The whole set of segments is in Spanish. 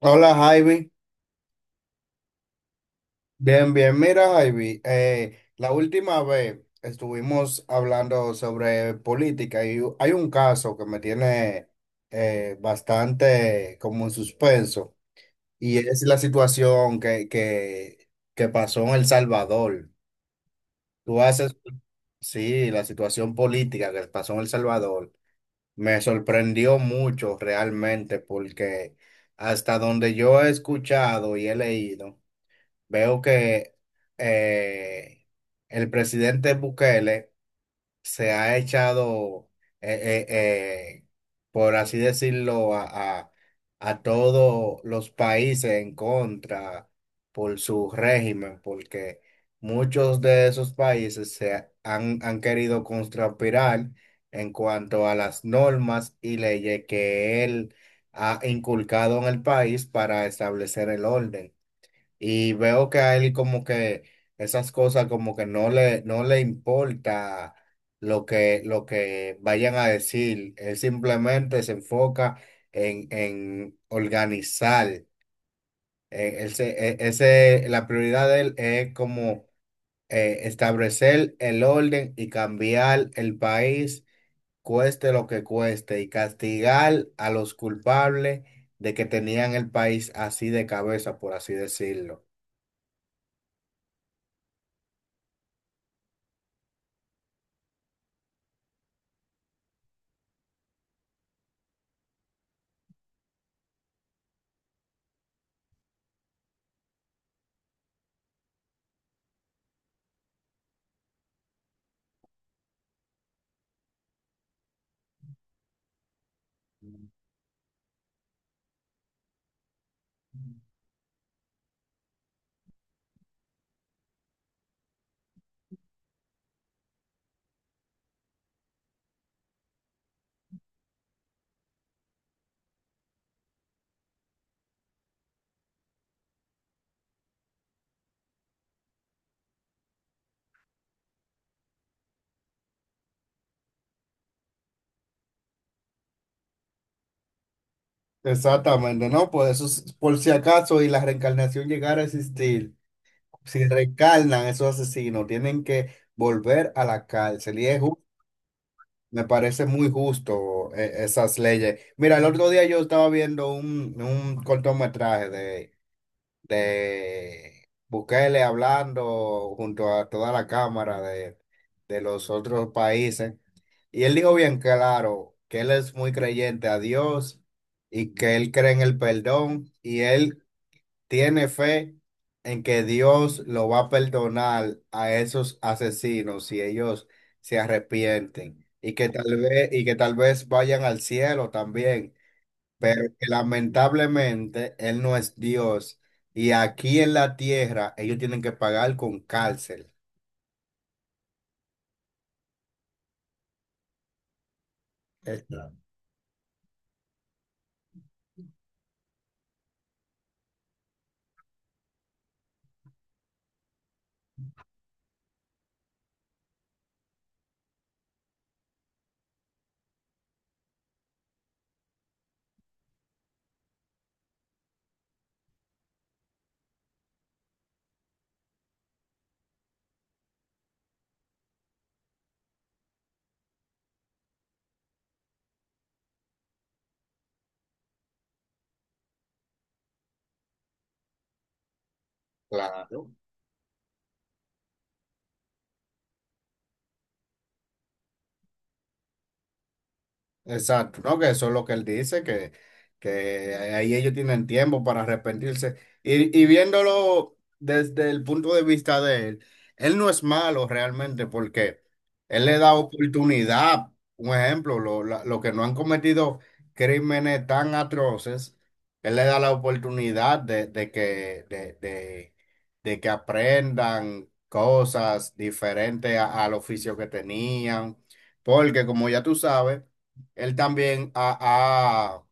Hola Javi, bien, bien, mira Javi, la última vez estuvimos hablando sobre política y hay un caso que me tiene bastante como en suspenso, y es la situación que pasó en El Salvador. Tú haces, sí, la situación política que pasó en El Salvador me sorprendió mucho realmente, porque hasta donde yo he escuchado y he leído. Veo que eh, el presidente Bukele se ha echado, eh, eh, eh, por así decirlo, a todos los países en contra por su régimen, porque muchos de esos países han querido contrapirar en cuanto a las normas y leyes que él ha inculcado en el país para establecer el orden. Y veo que a él como que esas cosas como que no le importa lo que vayan a decir. Él simplemente se enfoca en organizar. La prioridad de él es como establecer el orden y cambiar el país, cueste lo que cueste, y castigar a los culpables de que tenían el país así de cabeza, por así decirlo. Exactamente, ¿no? Por eso, es- por si acaso y la reencarnación llegara a existir, si reencarnan esos asesinos, tienen que volver a la cárcel. Y es, ju- me parece muy justo esas leyes. Mira, el otro día yo estaba viendo un cortometraje de Bukele hablando junto a toda la cámara de los otros países. Y él dijo bien claro que él es muy creyente a Dios, y que él cree en el perdón y él tiene fe en que Dios lo va a perdonar a esos asesinos si ellos se arrepienten, y que tal vez vayan al cielo también, pero que lamentablemente él no es Dios y aquí en la tierra ellos tienen que pagar con cárcel. Claro. Claro. Exacto, ¿no? Que eso es lo que él dice, que ahí ellos tienen tiempo para arrepentirse. Y viéndolo desde el punto de vista de él, él no es malo realmente, porque él le da oportunidad, un ejemplo, lo que no han cometido crímenes tan atroces, él le da la oportunidad de que aprendan cosas diferentes al oficio que tenían, porque como ya tú sabes, él también ha, ha-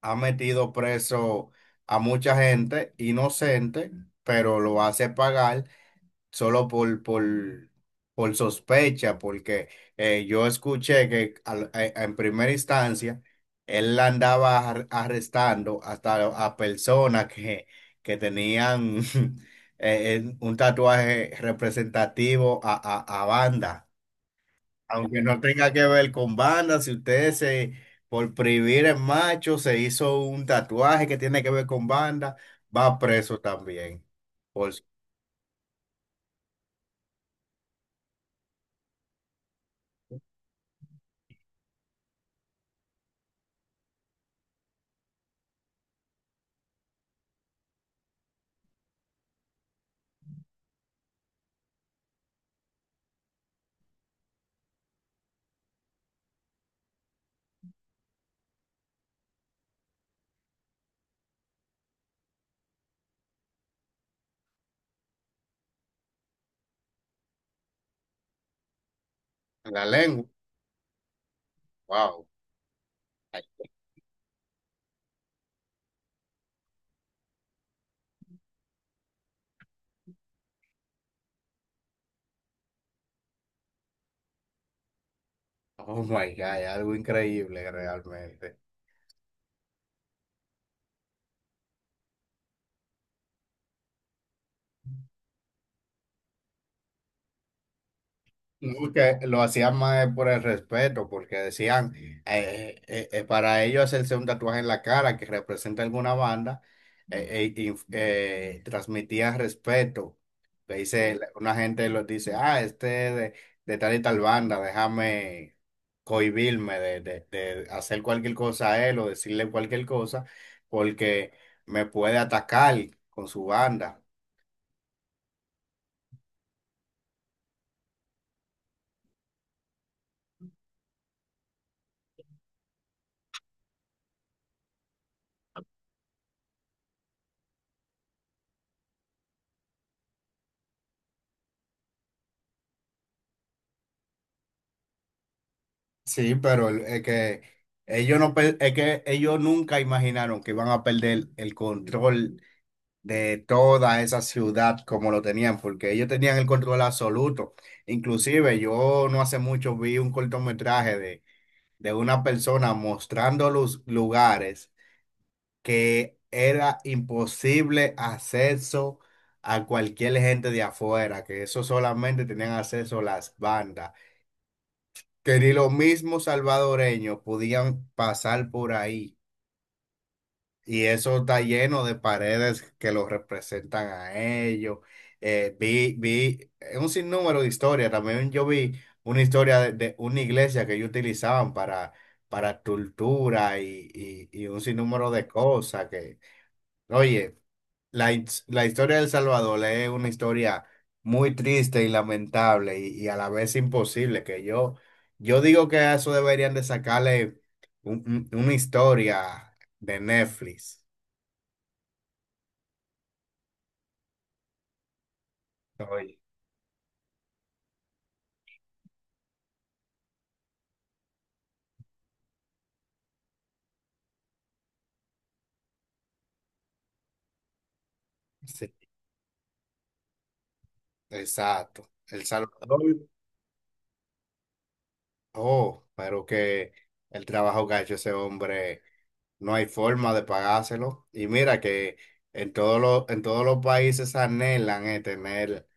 ha metido preso a mucha gente inocente, pero lo hace pagar solo por sospecha, porque yo escuché que en primera instancia él la andaba arrestando hasta a personas que tenían un tatuaje representativo a banda. Aunque no tenga que ver con banda, si usted se, por prohibir el macho, se hizo un tatuaje que tiene que ver con banda, va preso también. Por la lengua. Wow. Oh my God, algo increíble realmente. No, que lo hacían más por el respeto, porque decían, para ellos hacerse un tatuaje en la cara que representa alguna banda, transmitía respeto. Le dice, una gente lo dice, ah, este es de tal y tal banda, déjame cohibirme de hacer cualquier cosa a él o decirle cualquier cosa, porque me puede atacar con su banda. Sí, pero es que ellos no per- es que ellos nunca imaginaron que iban a perder el control de toda esa ciudad como lo tenían, porque ellos tenían el control absoluto. Inclusive yo no hace mucho vi un cortometraje de una persona mostrando los lugares que era imposible acceso a cualquier gente de afuera, que eso solamente tenían acceso las bandas, que ni los mismos salvadoreños podían pasar por ahí. Y eso está lleno de paredes que los representan a ellos. Vi un sinnúmero de historias. También yo vi una historia de una iglesia que ellos utilizaban para tortura y un sinnúmero de cosas que, oye. La historia de El Salvador es una historia muy triste y lamentable y a la vez imposible, que yo digo que a eso deberían de sacarle una historia de Netflix. Oye, sí, exacto. El Salvador, oh, pero que el trabajo que ha hecho ese hombre. No hay forma de pagárselo. Y mira que en todos en todos los países anhelan tener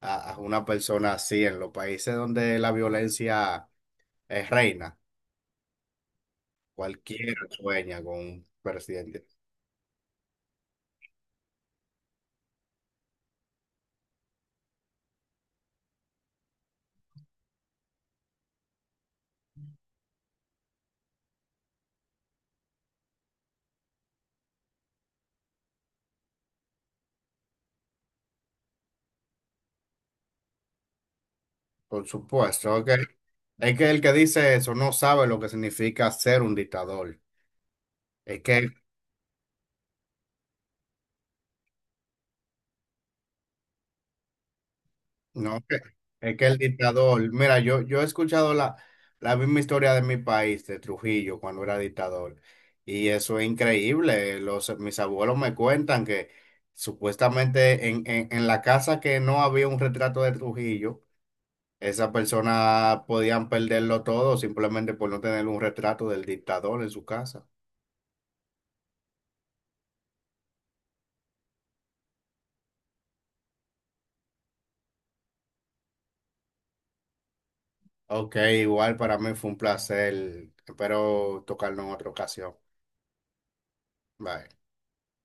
a una persona así. En los países donde la violencia es reina, cualquiera sueña con un presidente. Por supuesto, es que el que dice eso no sabe lo que significa ser un dictador. Es que no, que- es que el dictador, mira, yo he escuchado la misma historia de mi país, de Trujillo, cuando era dictador, y eso es increíble. Los, mis abuelos me cuentan que supuestamente en la casa que no había un retrato de Trujillo, esas personas podían perderlo todo simplemente por no tener un retrato del dictador en su casa. Ok, igual para mí fue un placer, espero tocarlo en otra ocasión. Bye.